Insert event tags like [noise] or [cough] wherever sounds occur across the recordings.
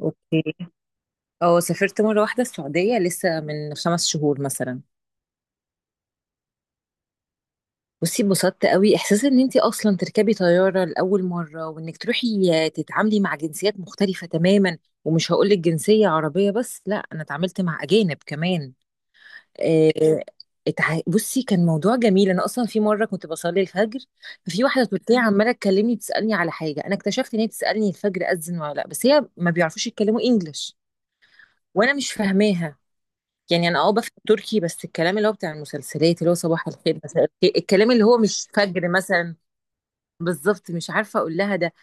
اوكي. اه، سافرت مره واحده السعوديه لسه من 5 شهور مثلا. بصي اتبسطت قوي، احساس ان انت اصلا تركبي طياره لاول مره، وانك تروحي تتعاملي مع جنسيات مختلفه تماما. ومش هقول لك جنسيه عربيه بس، لا، انا اتعاملت مع اجانب كمان. آه. بصي كان موضوع جميل، انا اصلا في مره كنت بصلي الفجر، ففي واحده تركيه عماله تكلمني تسالني على حاجه. انا اكتشفت ان هي بتسالني الفجر اذن ولا لا، بس هي ما بيعرفوش يتكلموا انجلش. وانا مش فاهماها. يعني انا بفهم تركي، بس الكلام اللي هو بتاع المسلسلات، اللي هو صباح الخير مساء الخير، الكلام اللي هو مش فجر مثلا. بالظبط، مش عارفه اقول لها ده.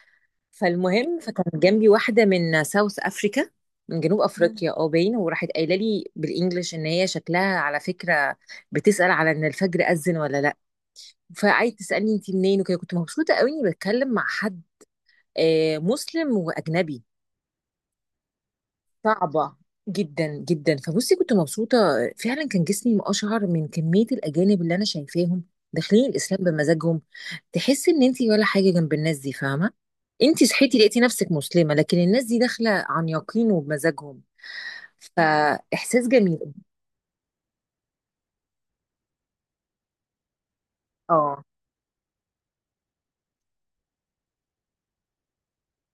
فالمهم، فكان جنبي واحده من ساوث افريكا، من جنوب افريقيا، اه باين، وراحت قايله لي بالانجلش ان هي شكلها على فكره بتسال على ان الفجر اذن ولا لا. فقعدت تسالني انت منين وكده. كنت مبسوطه قوي اني بتكلم مع حد مسلم واجنبي. صعبة جدا جدا، فبصي كنت مبسوطة. فعلا كان جسمي أشهر من كمية الأجانب اللي أنا شايفاهم داخلين الإسلام بمزاجهم. تحس إن أنتي ولا حاجة جنب الناس دي، فاهمة؟ أنتي صحيتي لقيتي نفسك مسلمة، لكن الناس دي داخلة عن يقين وبمزاجهم، فإحساس جميل. اه،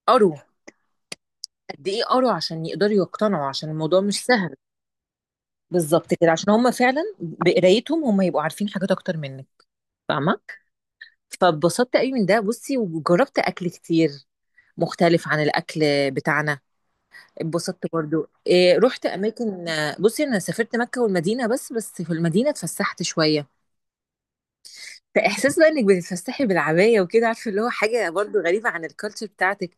قروا. قد إيه قروا عشان يقدروا يقتنعوا، عشان الموضوع مش سهل. بالظبط كده، عشان هم فعلا بقرايتهم هم يبقوا عارفين حاجات أكتر منك، فاهمة. فاتبسطت قوي من ده. بصي وجربت اكل كتير مختلف عن الاكل بتاعنا. اتبسطت برضو إيه، رحت اماكن. بصي انا سافرت مكة والمدينة، بس في المدينة اتفسحت شوية. فاحساس بقى انك بتتفسحي بالعباية وكده، عارفة، اللي هو حاجة برضو غريبة عن الكالتشر بتاعتك.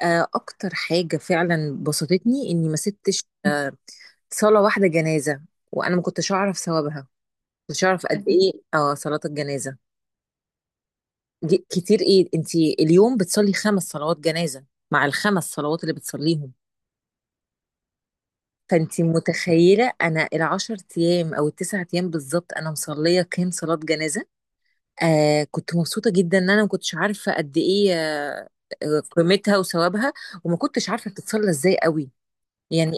اكتر حاجة فعلا بسطتني اني ما سبتش صلاة واحدة جنازة. وانا ما كنتش اعرف ثوابها. كنتش اعرف قد ايه صلاة الجنازة. دي كتير، ايه انت اليوم بتصلي 5 صلوات جنازة مع الخمس صلوات اللي بتصليهم. فانتي متخيلة، انا العشر ايام او التسع ايام بالظبط انا مصلية كام صلاة جنازة؟ كنت مبسوطة جدا ان انا ما كنتش عارفة قد ايه قيمتها وثوابها. وما كنتش عارفة بتتصلى ازاي قوي. يعني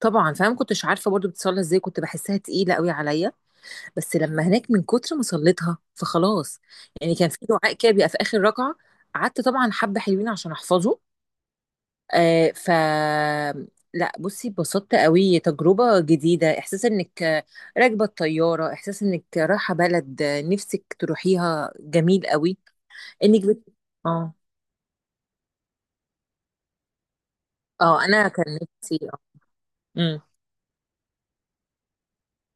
طبعا فانا ما كنتش عارفة برضو بتتصلى ازاي، كنت بحسها تقيلة قوي عليا. بس لما هناك من كتر ما صليتها فخلاص. يعني كان في دعاء كده بيبقى في اخر ركعة، قعدت طبعا حبة حلوين عشان احفظه. آه ف لا بصي اتبسطت قوي، تجربة جديدة، احساس انك راكبة الطيارة، احساس انك رايحة بلد نفسك تروحيها جميل قوي. انك بت... اه، اه. انا كان نفسي مم.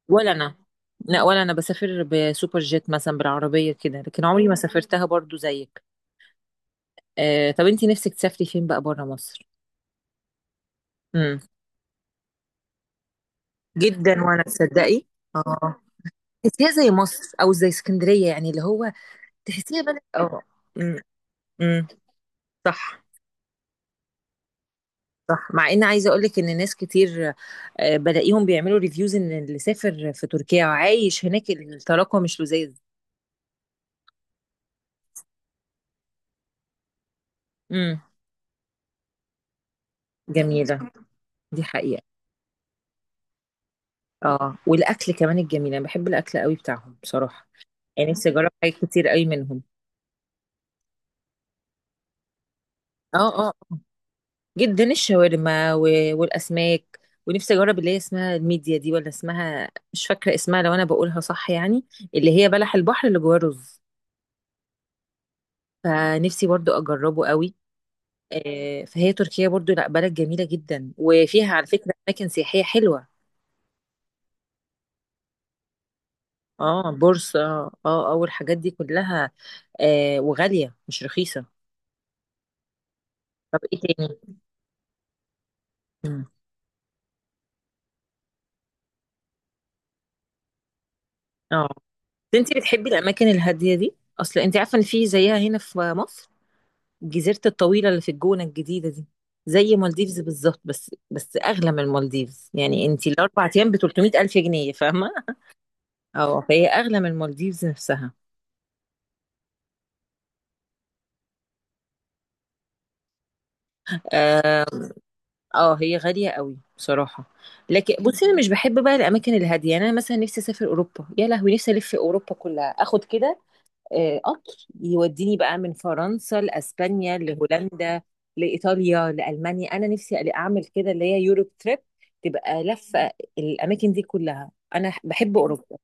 ولا انا. لا، ولا انا بسافر بسوبر جيت مثلا بالعربية كده، لكن عمري ما سافرتها برضو زيك. طب انتي نفسك تسافري فين بقى بره مصر؟ مم. جدا، وانا تصدقي اه تحسيها زي مصر او زي اسكندرية، يعني اللي هو تحسيها بلد امم. صح، صح، مع ان عايزه اقول لك ان ناس كتير بلاقيهم بيعملوا ريفيوز ان اللي سافر في تركيا وعايش هناك التراكم مش لذيذ. امم. جميله. دي حقيقه. اه، والاكل كمان الجميل، انا بحب الاكل قوي بتاعهم بصراحه. يعني نفسي اجرب حاجات كتير قوي منهم. اه، اه، آه. جدا، الشاورما والاسماك. ونفسي اجرب اللي هي اسمها الميديا دي، ولا اسمها، مش فاكره اسمها، لو انا بقولها صح يعني، اللي هي بلح البحر اللي جواه رز. فنفسي برضو اجربه قوي. فهي تركيا برضو لا بلد جميلة جدا، وفيها على فكرة أماكن سياحية حلوة. اه، بورصة، والحاجات دي كلها. وغالية مش رخيصة. طب ايه تاني؟ مم. اه، انت بتحبي الأماكن الهادية دي؟ أصل انت عارفة إن في زيها هنا في مصر، الجزيرة الطويلة اللي في الجونة الجديدة دي، زي مالديفز بالظبط. بس أغلى من مالديفز، يعني انت الأربع أيام ب 300 ألف جنيه، فاهمة؟ [laughs] اه، فهي أغلى من مالديفز نفسها. آه. اه، هي غالية قوي بصراحة. لكن بصي انا مش بحب بقى الاماكن الهادية، يعني انا مثلا نفسي اسافر اوروبا، يا لهوي نفسي الف في اوروبا كلها، اخد كده قطر يوديني بقى من فرنسا لاسبانيا لهولندا لايطاليا لالمانيا. انا نفسي اعمل كده، اللي هي يوروب تريب، تبقى لفة. الاماكن دي كلها انا بحب اوروبا.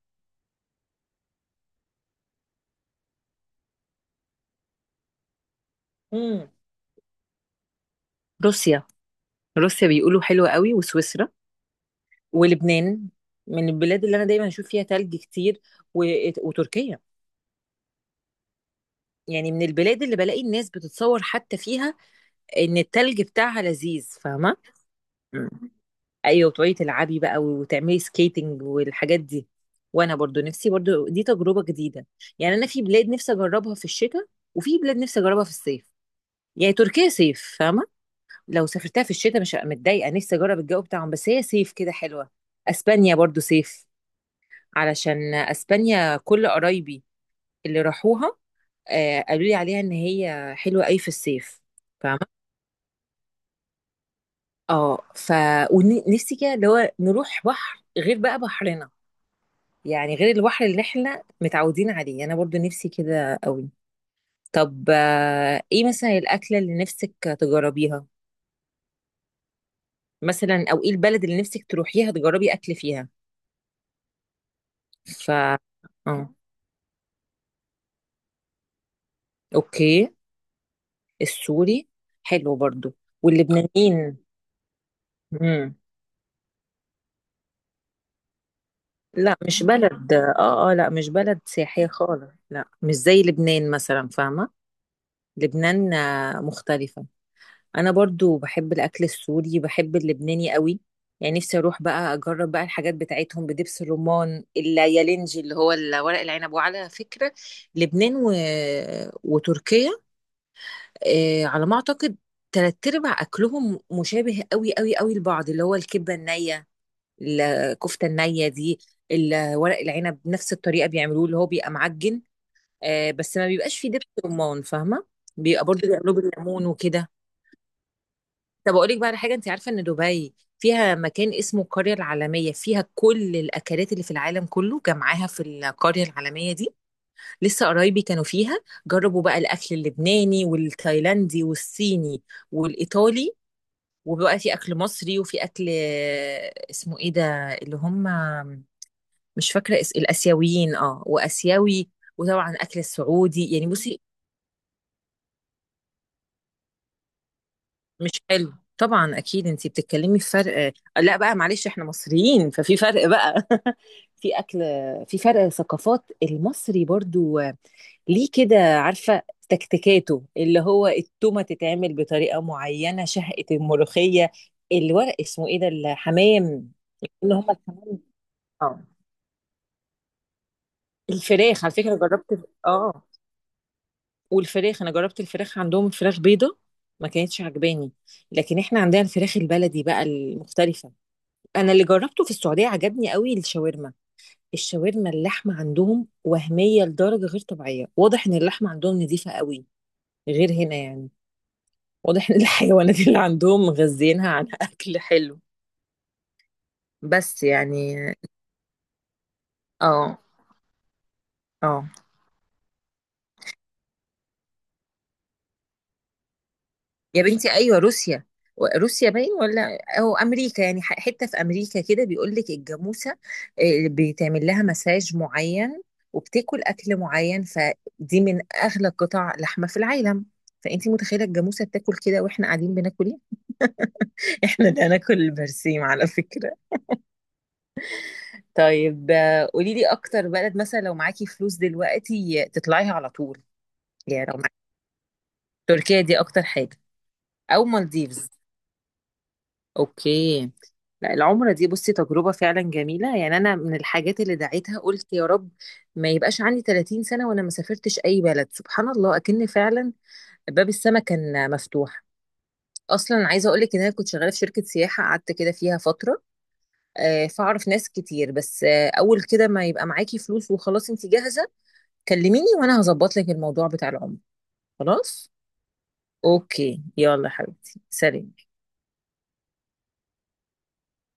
مم. روسيا، روسيا بيقولوا حلوة قوي، وسويسرا، ولبنان، من البلاد اللي انا دايما اشوف فيها تلج كتير و... وتركيا. يعني من البلاد اللي بلاقي الناس بتتصور حتى فيها، ان التلج بتاعها لذيذ، فاهمه؟ مم. ايوه، وتقعدي تلعبي بقى وتعملي سكيتنج والحاجات دي. وانا برضو نفسي، برضو دي تجربه جديده. يعني انا في بلاد نفسي اجربها في الشتاء، وفي بلاد نفسي اجربها في الصيف. يعني تركيا صيف، فاهمه. لو سافرتها في الشتاء مش هبقى متضايقه، نفسي اجرب الجو بتاعهم، بس هي صيف كده حلوه. اسبانيا برضو صيف، علشان اسبانيا كل قرايبي اللي راحوها قالوا لي عليها ان هي حلوه قوي في الصيف، فاهمه؟ اه ف ونفسي كده اللي هو نروح بحر غير بقى بحرنا، يعني غير البحر اللي احنا متعودين عليه، انا برضو نفسي كده قوي. طب ايه مثلا الاكله اللي نفسك تجربيها مثلا، او ايه البلد اللي نفسك تروحيها تجربي اكل فيها؟ ف اه اوكي. السوري حلو برضو. واللبنانيين. مم. لا، مش بلد، اه اه لا مش بلد سياحية خالص، لا مش زي لبنان مثلا، فاهمة. لبنان مختلفة. انا برضو بحب الاكل السوري، بحب اللبناني قوي. يعني نفسي اروح بقى اجرب بقى الحاجات بتاعتهم، بدبس الرمان، اليالنجي اللي هو ورق العنب. وعلى فكرة لبنان وتركيا، على ما اعتقد تلات ارباع اكلهم مشابه قوي قوي قوي لبعض، اللي هو الكبة النية، الكفتة النية دي، ورق العنب، نفس الطريقة بيعملوه، اللي هو بيبقى معجن. بس ما بيبقاش فيه دبس رمان، فاهمة. بيبقى برضو بيعملوه بالليمون وكده. طب اقول لك بقى على حاجه، انت عارفه ان دبي فيها مكان اسمه القريه العالميه، فيها كل الاكلات اللي في العالم كله جمعاها في القريه العالميه دي. لسه قرايبي كانوا فيها، جربوا بقى الاكل اللبناني والتايلاندي والصيني والايطالي. وبقى في اكل مصري، وفي اكل اسمه ايه ده، اللي هم، مش فاكره الاسيويين، واسيوي. وطبعا اكل السعودي، يعني بصي. مش حلو طبعا، اكيد انتي بتتكلمي في فرق لا بقى معلش، احنا مصريين، ففي فرق بقى. [laughs] في اكل، في فرق ثقافات. المصري برضو ليه كده، عارفه، تكتيكاته، اللي هو التومه تتعمل بطريقه معينه، شهقه، الملوخيه، الورق، اسمه ايه ده، الحمام. اللي هم الحمام. اه. الفراخ على فكره جربت، اه. والفراخ انا جربت الفراخ عندهم، فراخ بيضه، ما كانتش عجباني. لكن احنا عندنا الفراخ البلدي بقى المختلفه. انا اللي جربته في السعوديه عجبني قوي الشاورما. الشاورما، اللحمه عندهم وهميه لدرجه غير طبيعيه، واضح ان اللحمه عندهم نظيفه قوي، غير هنا يعني. واضح ان [laughs] الحيوانات اللي عندهم مغذينها على اكل حلو، بس يعني. اه، اه. يا بنتي، ايوه، روسيا روسيا باين، ولا او امريكا، يعني حته في امريكا كده بيقول لك الجاموسه بيتعمل لها مساج معين، وبتاكل اكل معين، فدي من اغلى قطع لحمه في العالم. فانتي متخيله الجاموسه بتاكل كده، واحنا قاعدين بناكل ايه؟ [laughs] احنا ده ناكل البرسيم على فكره. طيب قولي لي اكتر بلد مثلا لو معاكي فلوس دلوقتي تطلعيها على طول. يعني لو معاكي، تركيا دي اكتر حاجه، او مالديفز. اوكي. لا العمرة دي بصي تجربة فعلا جميلة، يعني أنا من الحاجات اللي دعيتها قلت يا رب ما يبقاش عندي 30 سنة وأنا ما سافرتش أي بلد. سبحان الله، أكن فعلا باب السما كان مفتوح. أصلا عايزة أقولك إن أنا كنت شغالة في شركة سياحة، قعدت كده فيها فترة فأعرف ناس كتير. بس أول كده ما يبقى معاكي فلوس وخلاص أنت جاهزة، كلميني وأنا هظبط لك الموضوع بتاع العمرة. خلاص. أوكي، يلا حبيبتي، سلام.